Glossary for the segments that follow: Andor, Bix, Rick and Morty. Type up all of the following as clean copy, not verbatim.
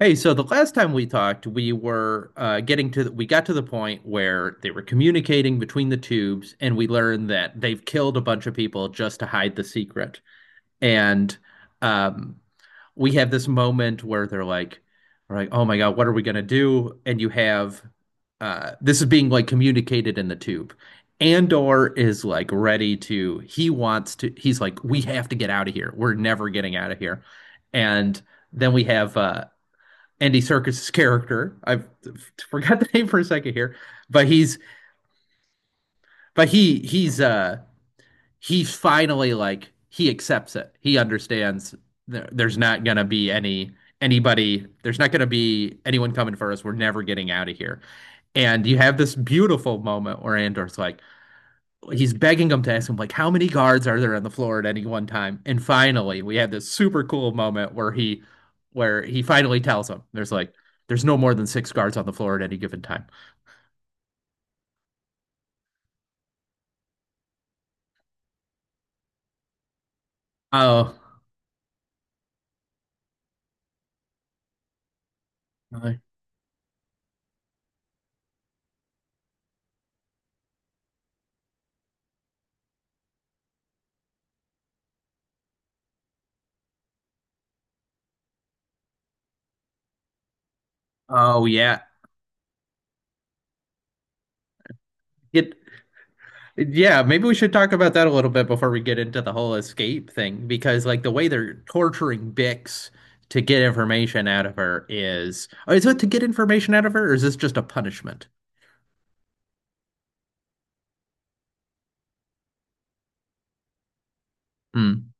Hey, so the last time we talked, we got to the point where they were communicating between the tubes, and we learned that they've killed a bunch of people just to hide the secret. And um, we have this moment where we're like, oh my God, what are we gonna do? And you have this is being like communicated in the tube. Andor is like he wants to, he's like, we have to get out of here. We're never getting out of here. And then we have Andy Serkis's character. I forgot the name for a second here, but he's but he finally like he accepts it. He understands there's not gonna be anybody. There's not gonna be anyone coming for us. We're never getting out of here. And you have this beautiful moment where Andor's like, he's begging him to ask him like how many guards are there on the floor at any one time. And finally we had this super cool moment where he finally tells him there's no more than six guards on the floor at any given time. Oh, really? Oh, yeah. it Yeah, maybe we should talk about that a little bit before we get into the whole escape thing, because like the way they're torturing Bix to get information out of her is, oh, is it to get information out of her or is this just a punishment? Hmm.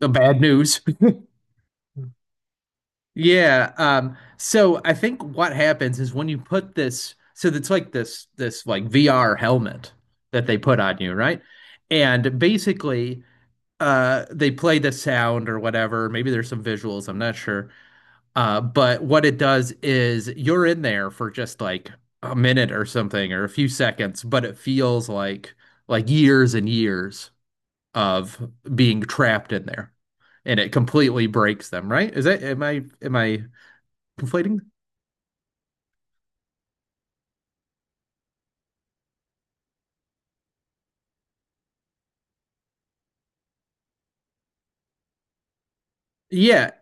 The bad news. Yeah, so I think what happens is when you put this, so it's like this like VR helmet that they put on you, right? And basically, they play the sound or whatever. Maybe there's some visuals, I'm not sure. But what it does is you're in there for just like a minute or something or a few seconds, but it feels like years and years of being trapped in there, and it completely breaks them, right? Is that, am I conflating? Yeah,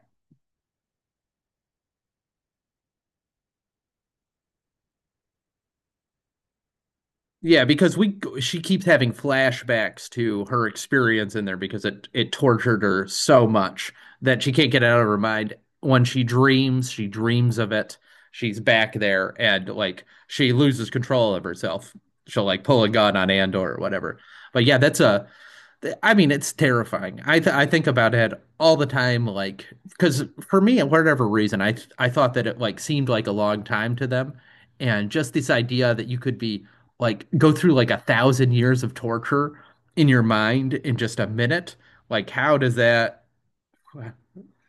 yeah, because we she keeps having flashbacks to her experience in there because it tortured her so much that she can't get it out of her mind. When she dreams of it. She's back there and like she loses control of herself. She'll like pull a gun on Andor or whatever. But yeah, that's a, I mean, it's terrifying. I think about it all the time, like because for me, for whatever reason, I thought that it like seemed like a long time to them, and just this idea that you could be like go through like a thousand years of torture in your mind in just a minute, like how does that?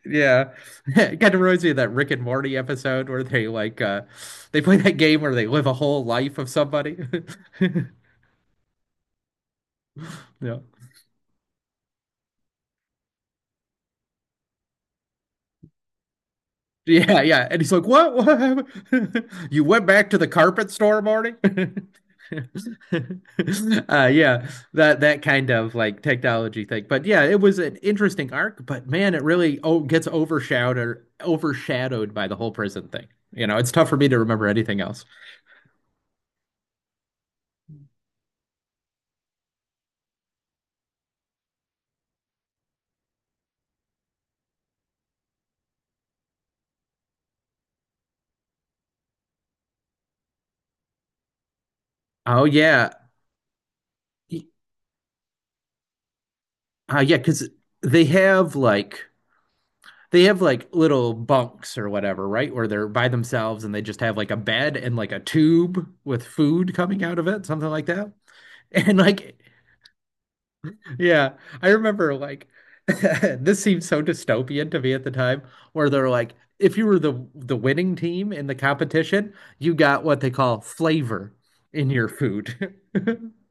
Yeah, it kind of reminds me of that Rick and Morty episode where they like they play that game where they live a whole life of somebody. Yeah. Yeah, yeah. And he's like, "What? What happened? You went back to the carpet store, Marty?" Yeah, that that kind of like technology thing. But yeah, it was an interesting arc, but man, it really gets overshadowed by the whole prison thing. You know, it's tough for me to remember anything else. Mm. Oh yeah. Y- yeah, 'cause they have like they have like little bunks or whatever, right? Where they're by themselves and they just have like a bed and like a tube with food coming out of it, something like that. And like, yeah, I remember like this seemed so dystopian to me at the time, where they're like, if you were the winning team in the competition, you got what they call flavor in your food.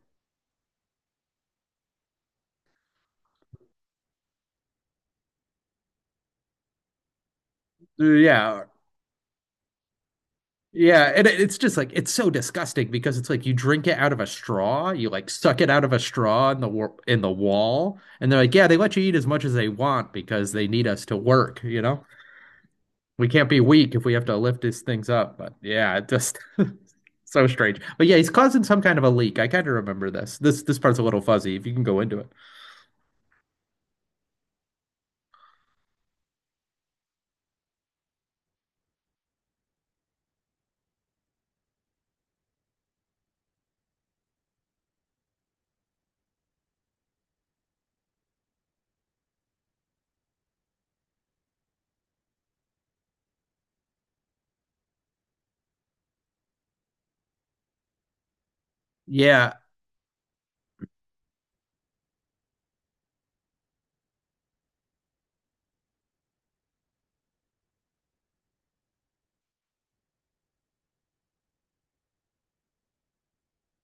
Yeah. Yeah, and it- it's just like it's so disgusting because it's like you drink it out of a straw, you like suck it out of a straw in the in the wall, and they're like, yeah, they let you eat as much as they want because they need us to work, you know? We can't be weak if we have to lift these things up. But yeah, it just, so strange. But yeah, he's causing some kind of a leak. I kind of remember this. This part's a little fuzzy if you can go into it. Yeah.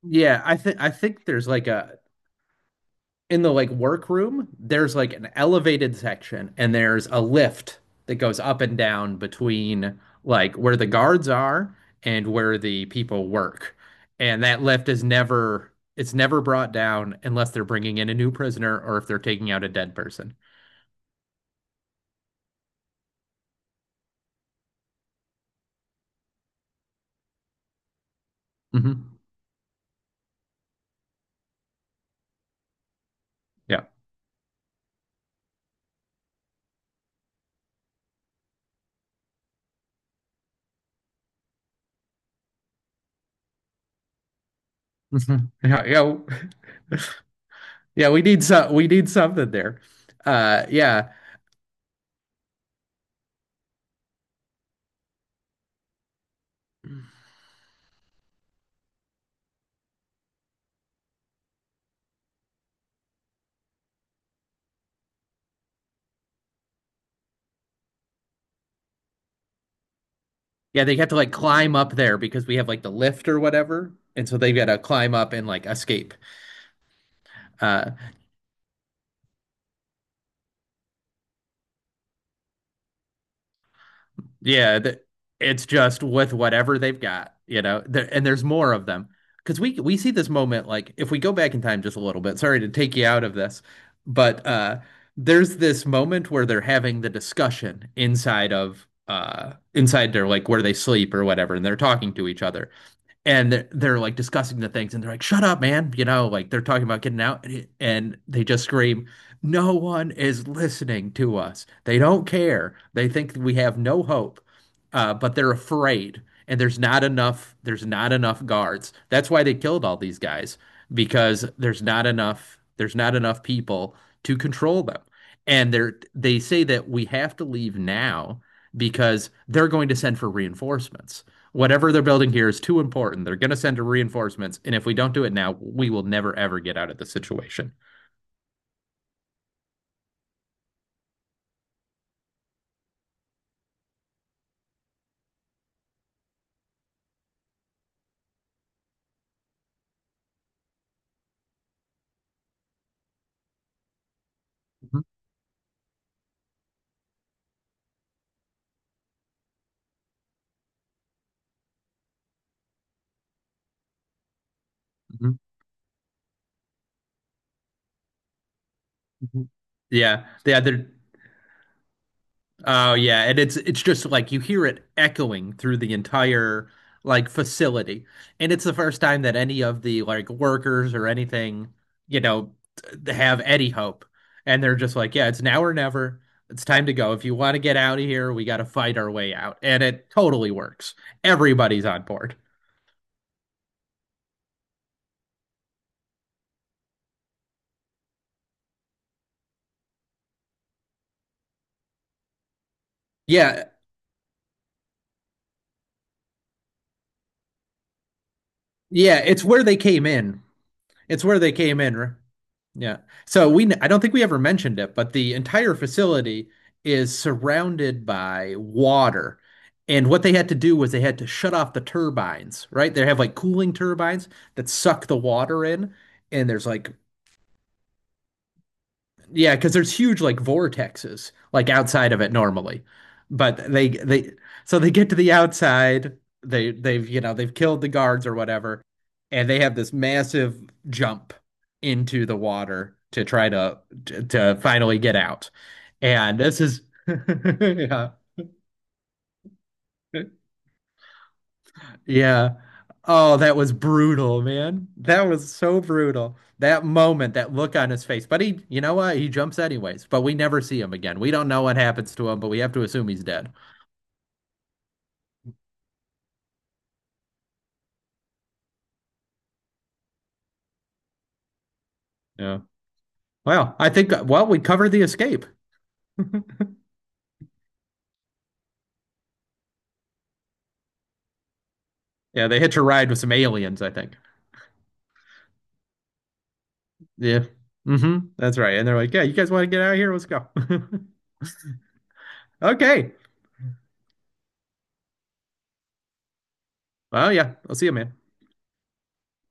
Yeah, I think there's like a, in the like workroom, there's like an elevated section and there's a lift that goes up and down between like where the guards are and where the people work. And that lift is never it's never brought down unless they're bringing in a new prisoner or if they're taking out a dead person. Hmm. Yeah. Mhm. Yeah, yeah. Yeah, we need something there. Uh, yeah. Yeah, they have to like climb up there because we have like the lift or whatever. And so they've got to climb up and like escape. Uh yeah, th it's just with whatever they've got, you know. There, and there's more of them. Because we see this moment, like if we go back in time just a little bit, sorry to take you out of this, but there's this moment where they're having the discussion inside of inside their like where they sleep or whatever and they're talking to each other and they're like discussing the things and they're like shut up man, you know, like they're talking about getting out. And it- and they just scream, no one is listening to us, they don't care, they think we have no hope. But they're afraid, and there's not enough guards. That's why they killed all these guys, because there's not enough people to control them. And they say that we have to leave now because they're going to send for reinforcements. Whatever they're building here is too important. They're going to send reinforcements, and if we don't do it now, we will never ever get out of the situation. Mhm, mhm, mhm. Yeah, yeah, they're oh yeah, and it's just like you hear it echoing through the entire like facility. And it's the first time that any of the like workers or anything, you know, have any hope. And they're just like, yeah, it's now or never. It's time to go. If you want to get out of here, we got to fight our way out. And it totally works. Everybody's on board. Yeah. Yeah, it's where they came in. It's where they came in. Yeah. So we, I don't think we ever mentioned it, but the entire facility is surrounded by water. And what they had to do was they had to shut off the turbines, right? They have like cooling turbines that suck the water in, and there's like, yeah, because there's huge like vortexes like outside of it normally, but they so they get to the outside. They've, you know, they've killed the guards or whatever, and they have this massive jump into the water to try to finally get out. And this is yeah. Yeah. Oh, that was brutal, man. That was so brutal. That moment, that look on his face. But he, you know what? He jumps anyways, but we never see him again. We don't know what happens to him, but we have to assume he's dead. Yeah. Well, I think, well, we covered the escape. Yeah, they hitch a ride with some aliens, I think. Yeah. Mm-hmm. That's right. And they're like, yeah, you guys want to get out of here? Let's go. Okay. Well, yeah, I'll see you, man.